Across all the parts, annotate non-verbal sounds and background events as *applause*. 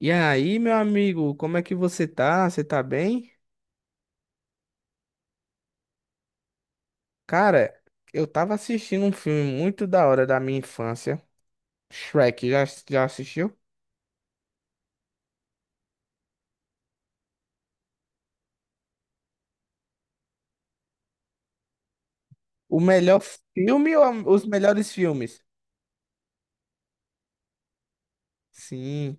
E aí, meu amigo, como é que você tá? Você tá bem? Cara, eu tava assistindo um filme muito da hora da minha infância, Shrek, já assistiu? O melhor filme ou os melhores filmes? Sim.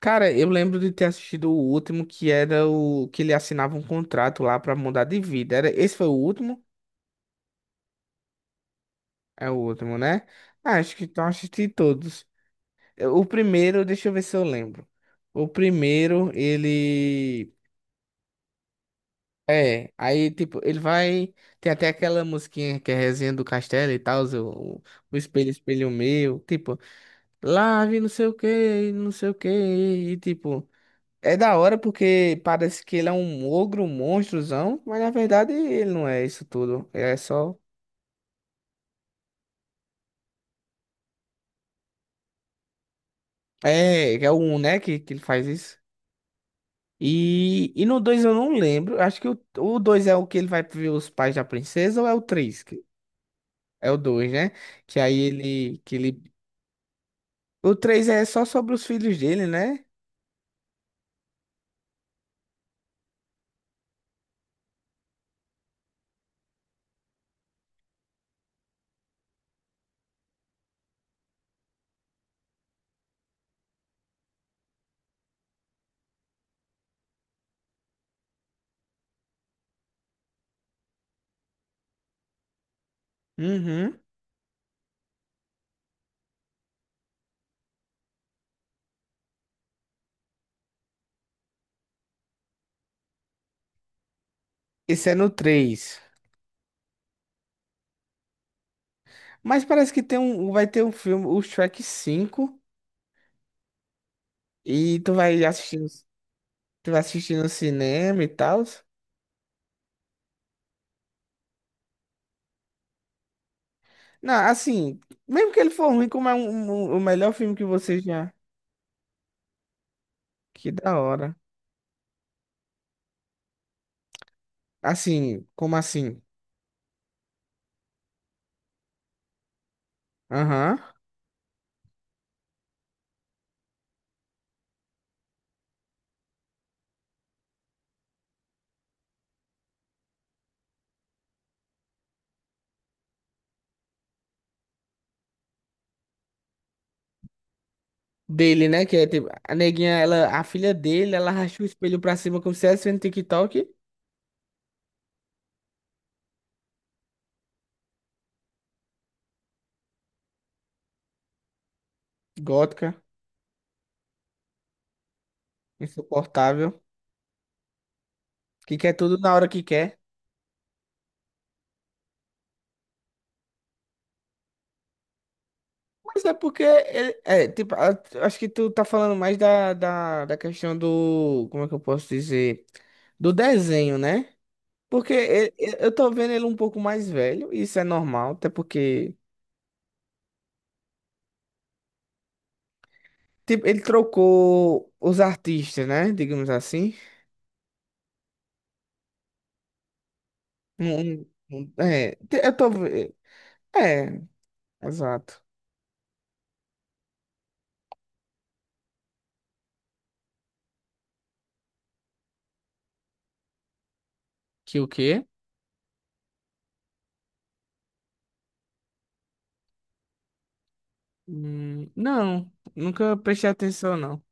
Cara, eu lembro de ter assistido o último, que era o que ele assinava um contrato lá pra mudar de vida. Era, esse foi o último? É o último, né? Ah, acho que então assisti todos. O primeiro, deixa eu ver se eu lembro. O primeiro, ele. É, aí, tipo, ele vai. Tem até aquela musiquinha que é resenha do castelo e tal, o espelho, espelho meu. Tipo, lave não sei o que, não sei o que. E, tipo, é da hora porque parece que ele é um ogro, um monstrozão, mas na verdade ele não é isso tudo. Ele é só. É, é o 1, né, que ele faz isso. E no 2 eu não lembro. Acho que o 2 é o que ele vai ver os pais da princesa ou é o três. É o dois, né? Que aí ele, que ele. O 3 é só sobre os filhos dele, né? Uhum. Esse é no 3. Mas parece que tem um, vai ter um filme, o Shrek cinco e tu vai assistindo, tu vai assistir no cinema e tal. Não, assim, mesmo que ele for ruim, como é um, o melhor filme que você já. Que da hora. Assim, como assim? Aham. Dele, né? Que é tipo, a neguinha, ela, a filha dele, ela racha o espelho pra cima como se estivesse vendo TikTok. Gótica, insuportável. Que quer tudo na hora que quer. Mas é porque é, tipo, acho que tu tá falando mais da questão do, como é que eu posso dizer? Do desenho, né? Porque eu tô vendo ele um pouco mais velho, e isso é normal, até porque, tipo, ele trocou os artistas, né? Digamos assim. É, eu tô, é, exato. Que o quê? Não, nunca prestei atenção, não.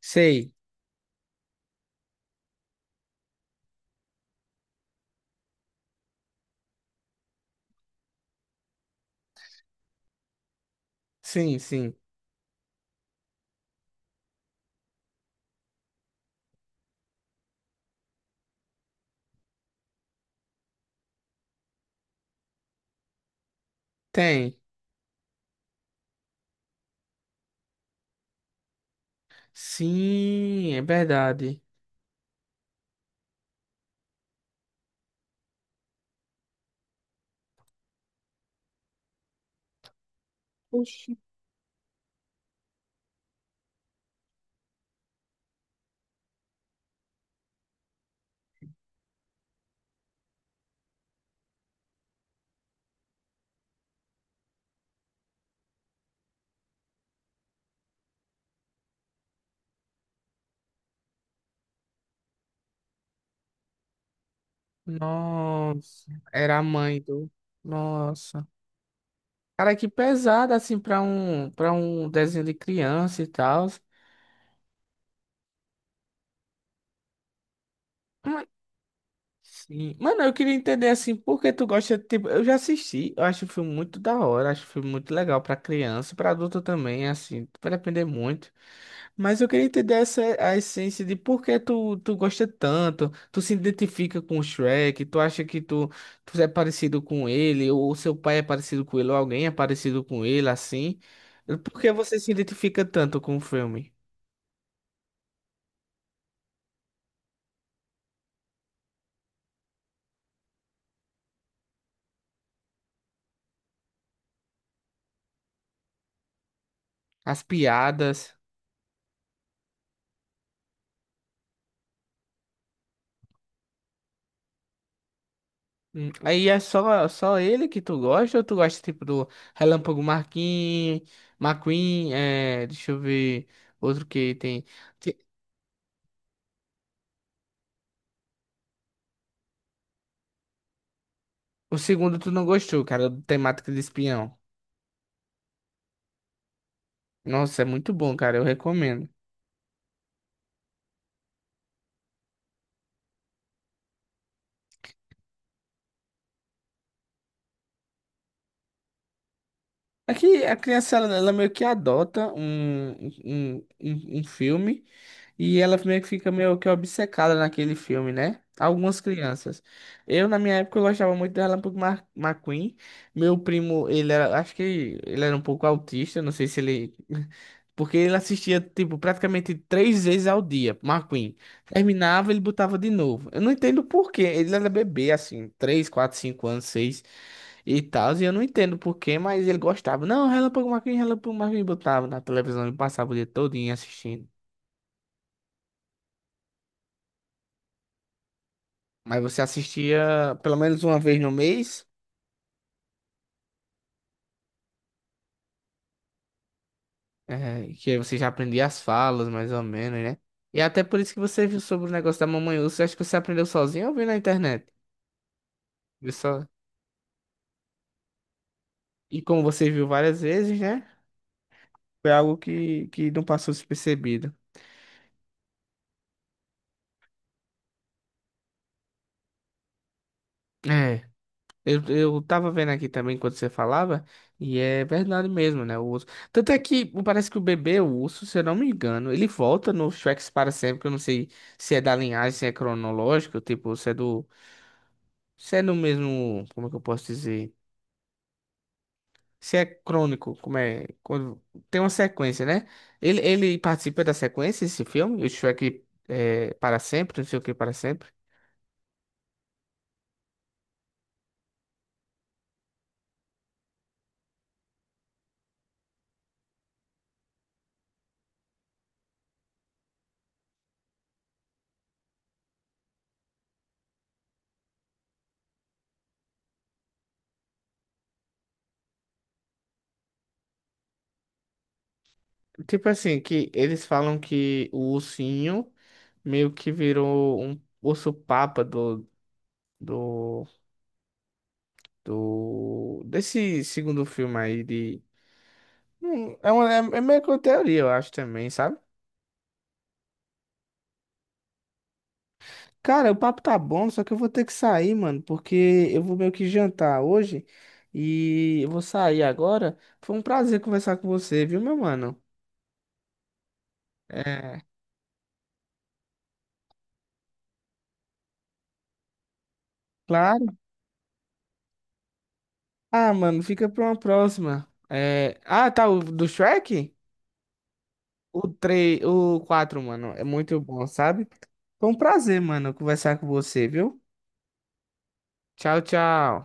Sei, sim, sim, tem. Sim, é verdade. Oxi. Nossa, era a mãe do. Nossa. Cara, que pesado assim pra um para um desenho de criança e tal. Mas. Sim. Mano, eu queria entender assim, por que tu gosta, tipo, eu já assisti, eu acho o filme muito da hora, acho o filme muito legal pra criança, pra adulto também, assim, vai depender muito. Mas eu queria entender essa a essência de por que tu gosta tanto, tu se identifica com o Shrek, tu acha que tu é parecido com ele, ou seu pai é parecido com ele, ou alguém é parecido com ele, assim. Por que você se identifica tanto com o filme? As piadas. Aí é só ele que tu gosta, ou tu gosta tipo do Relâmpago Marquinhos, McQueen, é, deixa eu ver, outro que tem. Te- O segundo tu não gostou, cara, do temática de espião. Nossa, é muito bom, cara. Eu recomendo. Aqui a criança ela meio que adota um, um filme e ela meio que fica meio que obcecada naquele filme, né? Algumas crianças. Eu, na minha época, eu gostava muito do Relâmpago McQueen. Meu primo, ele era, acho que ele era um pouco autista, não sei se ele *laughs* porque ele assistia, tipo, praticamente três vezes ao dia, McQueen. Terminava, ele botava de novo. Eu não entendo por quê. Ele era bebê, assim, três, quatro, cinco anos, seis e tal. E eu não entendo por quê, mas ele gostava. Não, Relâmpago McQueen, Relâmpago McQueen. Botava na televisão e passava o dia todinho assistindo. Mas você assistia pelo menos uma vez no mês, que aí você já aprendia as falas, mais ou menos, né? E até por isso que você viu sobre o negócio da Mamãe Urso. Acho que você aprendeu sozinho ou viu na internet? Viu só? E como você viu várias vezes, né? Foi algo que não passou despercebido. É. Eu tava vendo aqui também quando você falava, e é verdade mesmo, né? O urso. Tanto é que parece que o bebê, o urso, se eu não me engano, ele volta no Shrek para sempre, que eu não sei se é da linhagem, se é cronológico, tipo, se é do. Se é no mesmo. Como é que eu posso dizer? Se é crônico, como é. Quando, tem uma sequência, né? Ele participa da sequência, esse filme, o Shrek é, para sempre, não sei o que para sempre. Tipo assim, que eles falam que o ursinho meio que virou um urso-papa do, desse segundo filme aí de... é, uma, é, é meio que uma teoria, eu acho também, sabe? Cara, o papo tá bom, só que eu vou ter que sair, mano, porque eu vou meio que jantar hoje e eu vou sair agora. Foi um prazer conversar com você, viu, meu mano? É, claro. Ah, mano, fica pra uma próxima. É... Ah, tá, o do Shrek? O três, o quatro, mano, é muito bom, sabe? Foi um prazer, mano, conversar com você, viu? Tchau, tchau.